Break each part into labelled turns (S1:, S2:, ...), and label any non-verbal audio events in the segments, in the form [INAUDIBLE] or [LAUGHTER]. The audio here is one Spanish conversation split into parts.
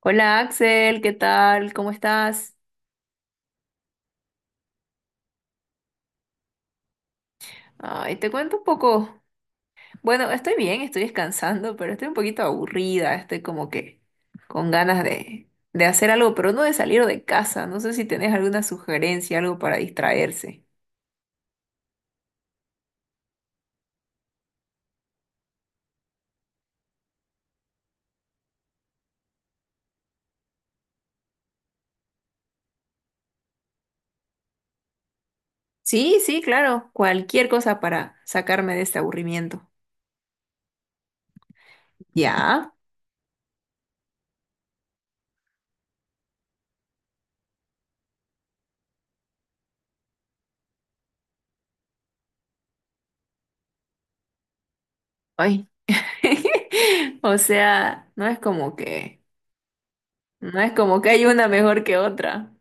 S1: Hola Axel, ¿qué tal? ¿Cómo estás? Ay, te cuento un poco. Bueno, estoy bien, estoy descansando, pero estoy un poquito aburrida, estoy como que con ganas de hacer algo, pero no de salir de casa. No sé si tenés alguna sugerencia, algo para distraerse. Sí, sí, claro, cualquier cosa para sacarme de este aburrimiento. ¿Ya? Ay. [LAUGHS] O sea, no es como que hay una mejor que otra.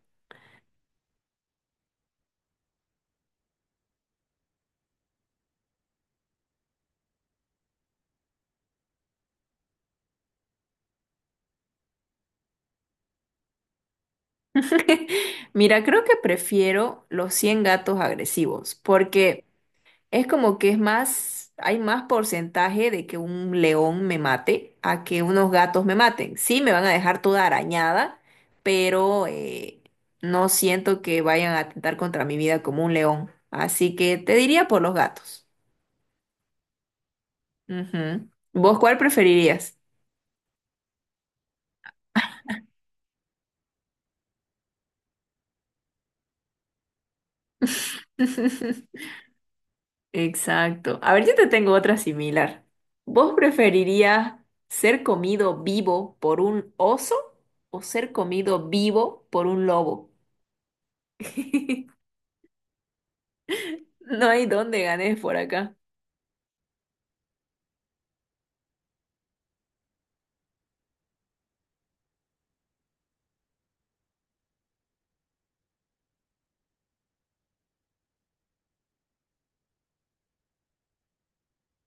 S1: [LAUGHS] Mira, creo que prefiero los 100 gatos agresivos, porque es como que es más, hay más porcentaje de que un león me mate a que unos gatos me maten. Sí, me van a dejar toda arañada, pero no siento que vayan a atentar contra mi vida como un león. Así que te diría por los gatos. Ujú. ¿Vos cuál preferirías? [LAUGHS] Exacto. A ver, yo te tengo otra similar. ¿Vos preferirías ser comido vivo por un oso o ser comido vivo por un lobo? [LAUGHS] No hay dónde ganes por acá.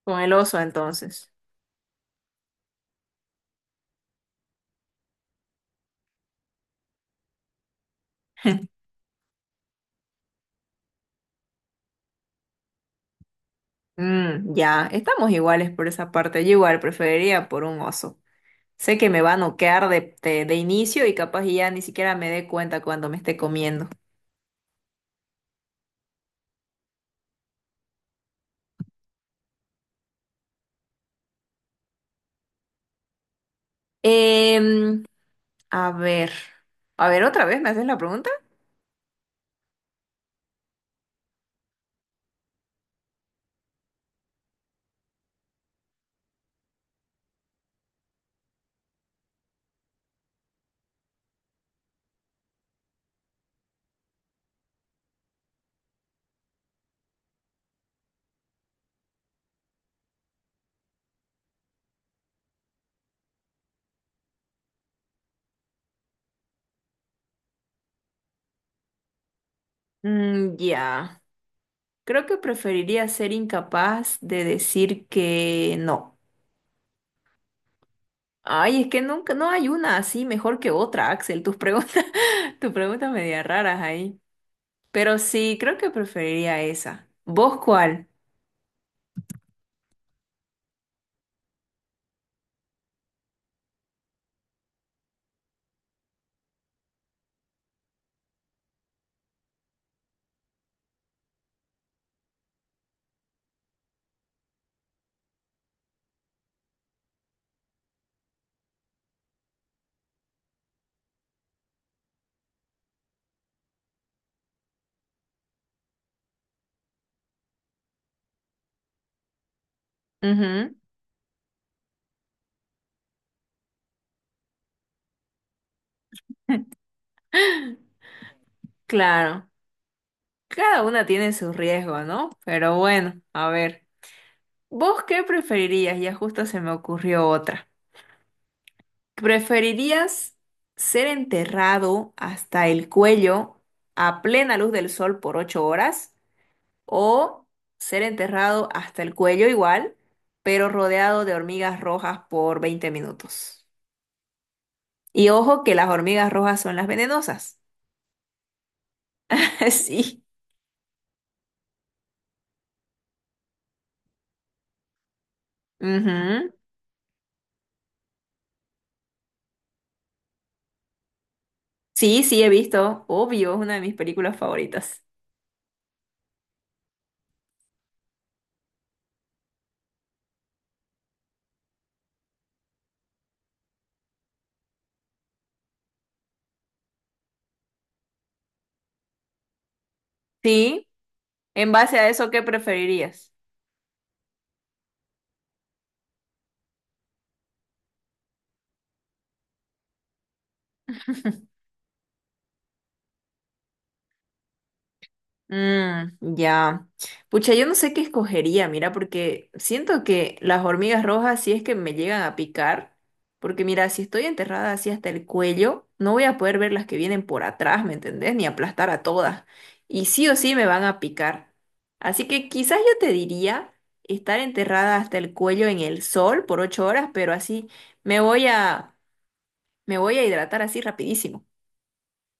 S1: Con el oso, entonces. [LAUGHS] Mm, ya, estamos iguales por esa parte. Yo igual preferiría por un oso. Sé que me va a noquear de inicio y capaz y ya ni siquiera me dé cuenta cuando me esté comiendo. Em, a ver, otra vez, ¿me haces la pregunta? Mm, ya, creo que preferiría ser incapaz de decir que no. Ay, es que nunca, no hay una así mejor que otra, Axel. Tus preguntas, [LAUGHS] tus preguntas media raras ahí. Pero sí, creo que preferiría esa. ¿Vos cuál? Ujú, claro. Cada una tiene su riesgo, ¿no? Pero bueno, a ver. ¿Vos qué preferirías? Ya justo se me ocurrió otra. ¿Preferirías ser enterrado hasta el cuello a plena luz del sol por 8 horas o ser enterrado hasta el cuello igual, pero rodeado de hormigas rojas por 20 minutos? Y ojo que las hormigas rojas son las venenosas. [LAUGHS] Sí. Ujú. Sí, sí, he visto. Obvio, es una de mis películas favoritas. Sí. En base a eso, ¿qué preferirías? Mm, ya. Pucha, yo no sé qué escogería, mira, porque siento que las hormigas rojas, si es que me llegan a picar, porque mira, si estoy enterrada así hasta el cuello, no voy a poder ver las que vienen por atrás, ¿me entendés? Ni aplastar a todas. Y sí o sí me van a picar. Así que quizás yo te diría estar enterrada hasta el cuello en el sol por 8 horas, pero así me voy a, me voy a hidratar así rapidísimo.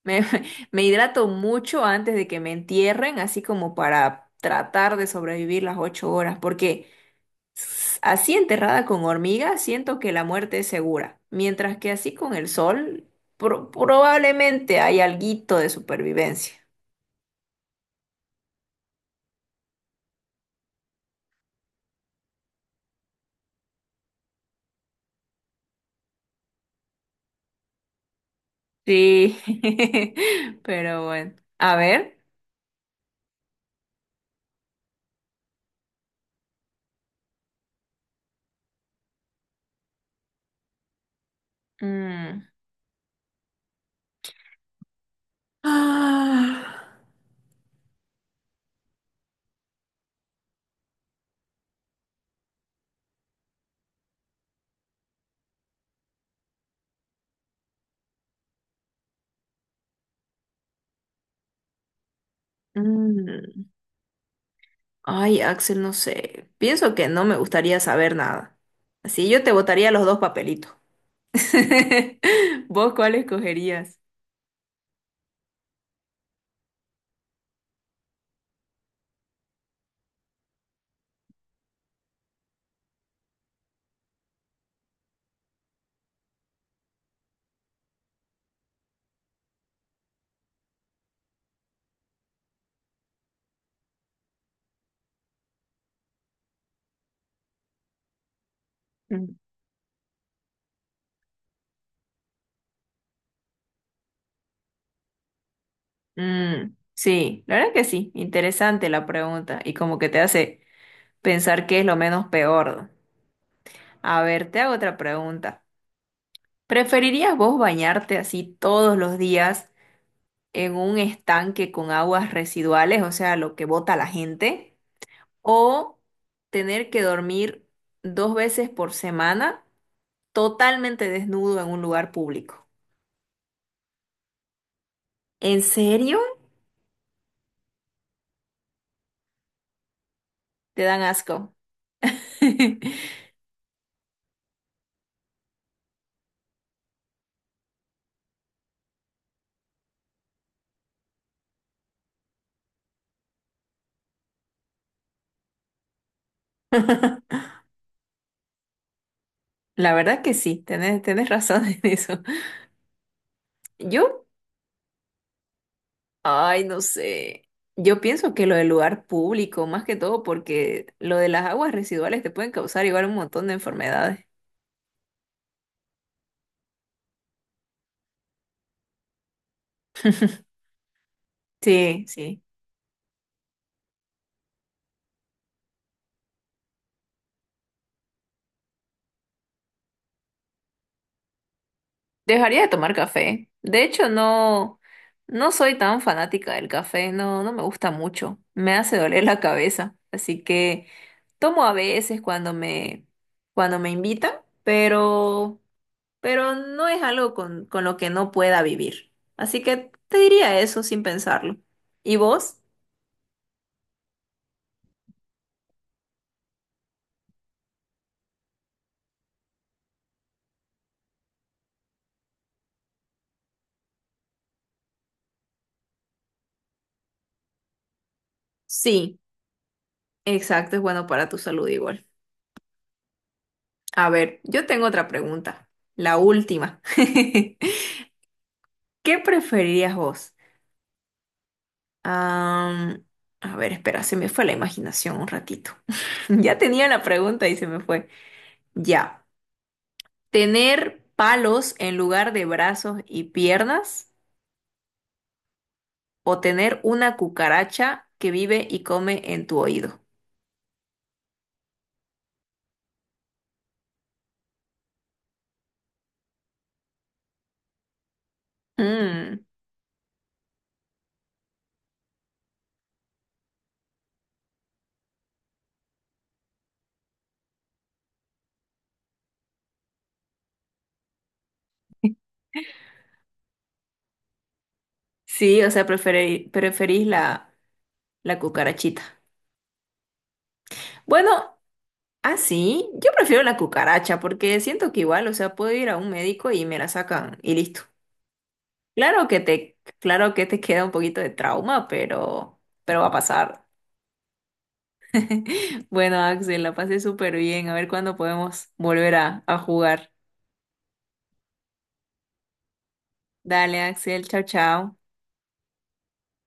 S1: Me, [LAUGHS] me hidrato mucho antes de que me entierren, así como para tratar de sobrevivir las 8 horas, porque así enterrada con hormigas siento que la muerte es segura, mientras que así con el sol probablemente hay alguito de supervivencia. Sí, [LAUGHS] pero bueno, a ver. Mm. Ah, mm. Ay, Axel, no sé. Pienso que no me gustaría saber nada. Así yo te botaría los dos papelitos. [LAUGHS] ¿Vos cuál escogerías? Mm. Mm, sí, la verdad que sí, interesante la pregunta y como que te hace pensar qué es lo menos peor. A ver, te hago otra pregunta. ¿Preferirías vos bañarte así todos los días en un estanque con aguas residuales, o sea, lo que bota la gente, o tener que dormir dos veces por semana totalmente desnudo en un lugar público? ¿En serio? Te dan asco. [LAUGHS] [LAUGHS] La verdad que sí, tenés razón [LAUGHS] en eso. Yo, ay, no sé. Yo pienso que lo del lugar público, más que todo, porque lo de las aguas residuales te pueden causar igual un montón de enfermedades. Sí, sí. Dejaría de tomar café. De hecho, no, no soy tan fanática del café, no, no me gusta mucho. Me hace doler la cabeza. Así que tomo a veces cuando me invitan, pero. Pero no es algo con lo que no pueda vivir. Así que te diría eso sin pensarlo. ¿Y vos? Sí, exacto, es bueno para tu salud igual. A ver, yo tengo otra pregunta, la última. [LAUGHS] ¿Qué preferirías vos? Am, a ver, espera, se me fue la imaginación un ratito. [LAUGHS] Ya tenía la pregunta y se me fue. Ya. ¿Tener palos en lugar de brazos y piernas o tener una cucaracha que vive y come en tu oído? Mm. Sí, o sea, preferís la cucarachita. Bueno, así, yo prefiero la cucaracha porque siento que igual, o sea, puedo ir a un médico y me la sacan y listo. Claro que te [LAUGHS] queda un poquito de trauma, pero va a pasar. [LAUGHS] Bueno, Axel, la pasé súper bien. A ver cuándo podemos volver a jugar. Dale, Axel, chao, chao.